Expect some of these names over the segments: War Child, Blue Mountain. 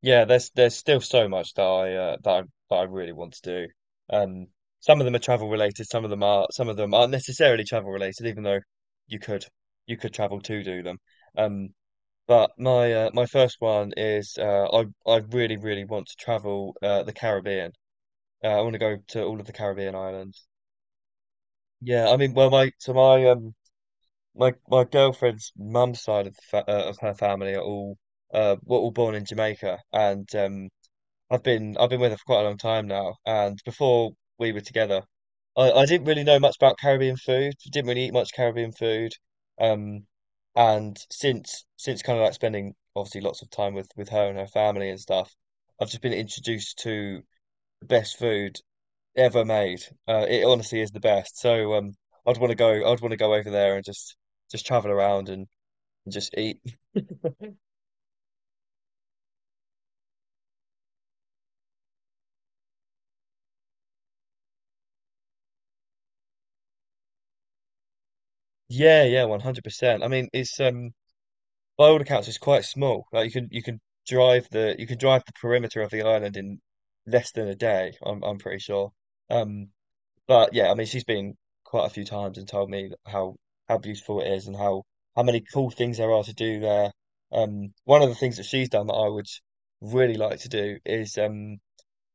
Yeah, there's still so much that that I really want to do. Um, some of them are travel related, some of them aren't necessarily travel related, even though you could you could travel to do them. Um, but my first one is I really want to travel the Caribbean. I want to go to all of the Caribbean islands. Yeah, I mean, well, my so my my my girlfriend's mum's side of the fa of her family are all were all born in Jamaica, and I've been with her for quite a long time now, and before we were together, I didn't really know much about Caribbean food. Didn't really eat much Caribbean food, um, and since kind of like spending obviously lots of time with her and her family and stuff, I've just been introduced to the best food ever made. It honestly is the best. So I'd want to go. I'd want to go over there and just travel around and just eat. Yeah, yeah, 100%. I mean, it's by all accounts, it's quite small. Like you can drive the perimeter of the island in less than a day. I'm pretty sure. Um, but yeah, I mean, she's been quite a few times and told me how beautiful it is and how many cool things there are to do there. One of the things that she's done that I would really like to do is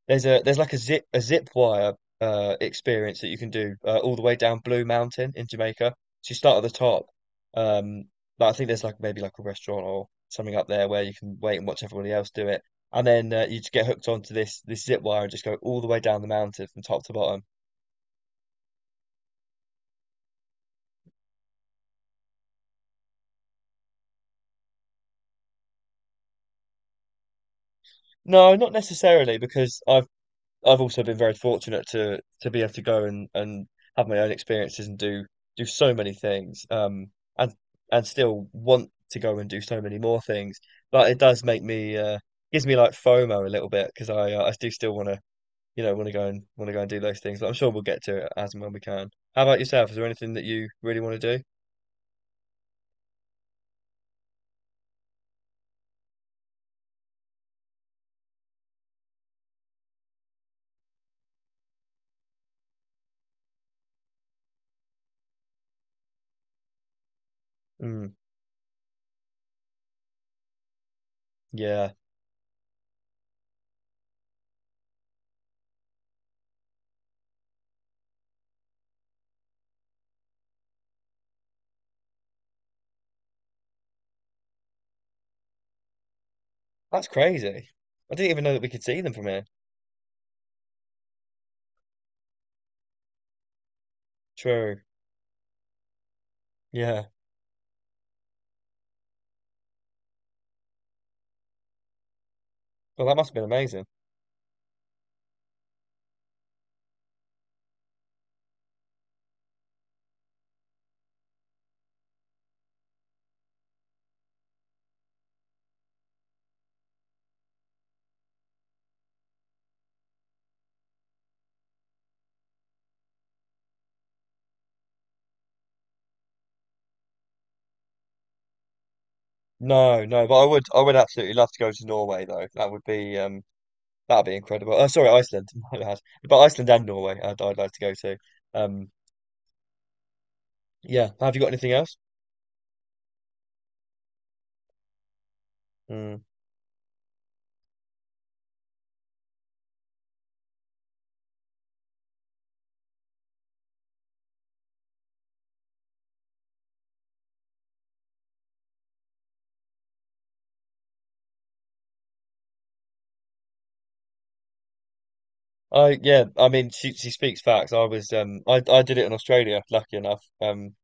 there's like a zip wire experience that you can do all the way down Blue Mountain in Jamaica. So you start at the top. Um, but I think there's like maybe like a restaurant or something up there where you can wait and watch everybody else do it, and then you just get hooked onto this zip wire and just go all the way down the mountain from top to bottom. No, not necessarily because I've also been very fortunate to be able to go and have my own experiences and do so many things, and and still want to go and do so many more things. But it does make me gives me like FOMO a little bit because I do still want to want to go and do those things. But I'm sure we'll get to it as and when we can. How about yourself? Is there anything that you really want to do? Mm, yeah, that's crazy. I didn't even know that we could see them from here. True. Yeah. Well, that must have been amazing. No, no, but I would absolutely love to go to Norway though. That would be incredible. Oh, sorry, Iceland, my bad. But Iceland and Norway, I'd like to go to. Um, yeah. Have you got anything else? Mm. I Yeah. I mean, she speaks facts. I was I did it in Australia, lucky enough.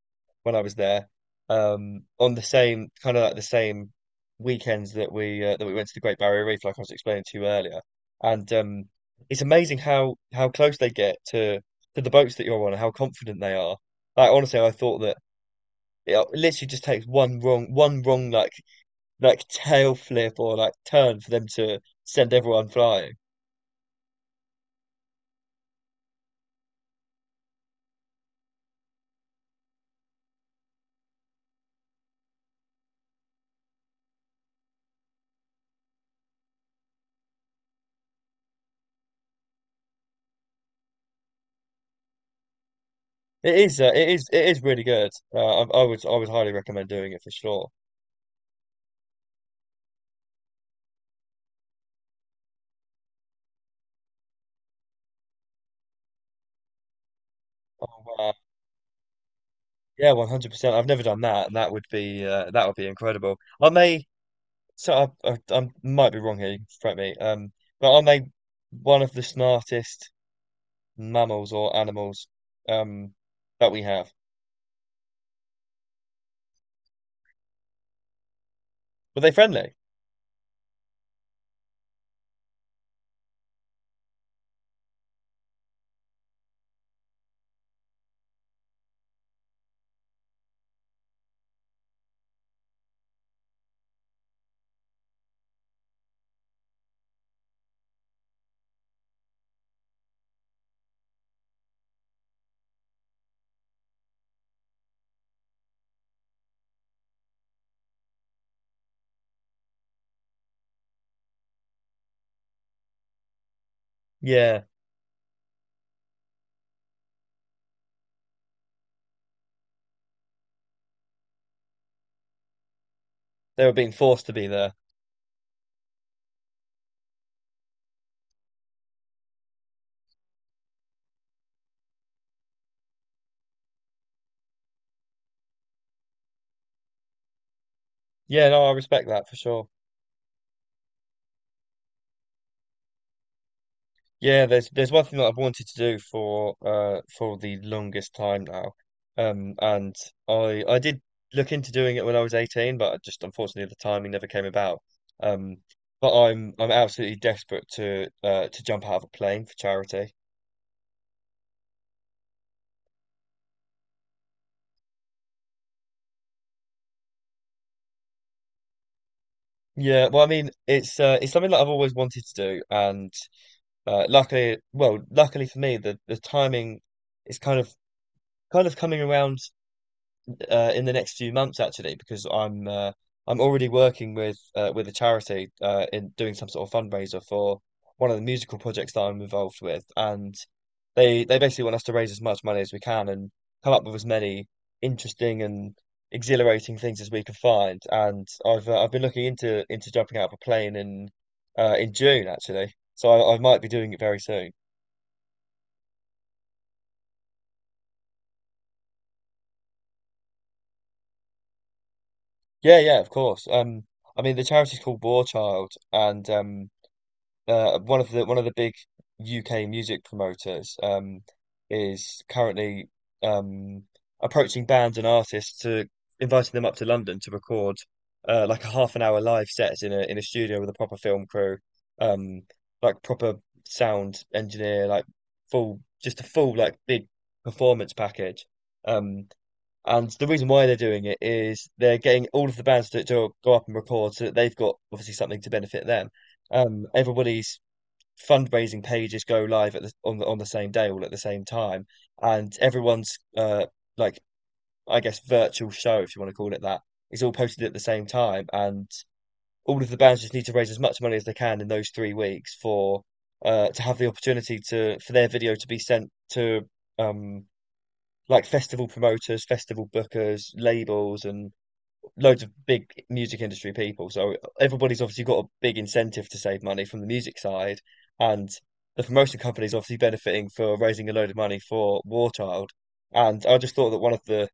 When I was there, on the same kind of like the same weekends that we went to the Great Barrier Reef, like I was explaining to you earlier. And it's amazing how close they get to the boats that you're on and how confident they are. Like honestly, I thought that it literally just takes one wrong like tail flip or like turn for them to send everyone flying. It is really good. I would highly recommend doing it for sure. Oh wow. Yeah, 100%. I've never done that, and that would be incredible. I may so I might be wrong here, you can correct me. But I may one of the smartest mammals or animals um that we have. Were they friendly? Yeah, they were being forced to be there. Yeah, no, I respect that for sure. Yeah, there's one thing that I've wanted to do for the longest time now. And I did look into doing it when I was 18, but I just unfortunately the timing never came about. Um but I'm absolutely desperate to jump out of a plane for charity. Yeah, well I mean it's something that I've always wanted to do and luckily for me the timing is kind of coming around in the next few months actually because I'm already working with a charity in doing some sort of fundraiser for one of the musical projects that I'm involved with, and they basically want us to raise as much money as we can and come up with as many interesting and exhilarating things as we can find. And I've been looking into jumping out of a plane in June actually, so I might be doing it very soon. Yeah, yeah, of course. I mean the charity's called War Child. And. One of the big UK music promoters is currently um, approaching bands and artists to inviting them up to London to record like a half an hour live set in a studio with a proper film crew, um, like proper sound engineer, like full just a full like big performance package. Um, and the reason why they're doing it is they're getting all of the bands to go up and record so that they've got obviously something to benefit them. Everybody's fundraising pages go live at the on the on the same day, all at the same time, and everyone's like I guess virtual show, if you want to call it that, is all posted at the same time, and all of the bands just need to raise as much money as they can in those 3 weeks for to have the opportunity to for their video to be sent to um like festival promoters, festival bookers, labels, and loads of big music industry people. So everybody's obviously got a big incentive to save money from the music side, and the promotion company's obviously benefiting for raising a load of money for War Child. And I just thought that one of the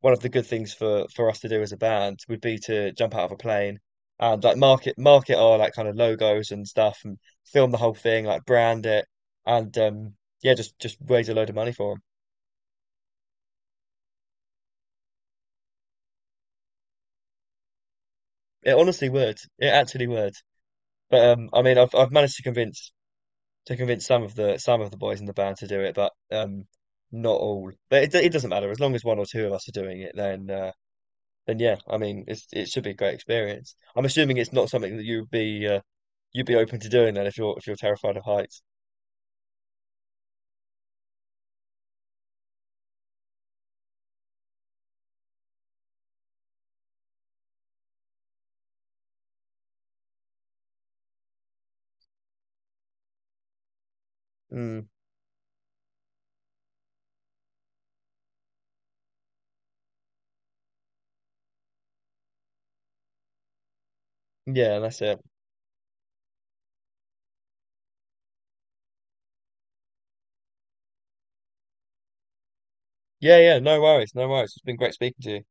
one of the good things for us to do as a band would be to jump out of a plane and like market our like kind of logos and stuff and film the whole thing, like brand it, and yeah, just raise a load of money for them. It honestly would. It actually would. But I mean, I've managed to convince some of the boys in the band to do it, but not all. But it doesn't matter as long as one or two of us are doing it. Then yeah, I mean, it should be a great experience. I'm assuming it's not something that you'd be open to doing then if you're terrified of heights. Mm, yeah, that's it. Yeah, yeah, no worries, no worries. It's been great speaking to you.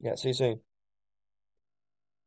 Yeah, see you soon.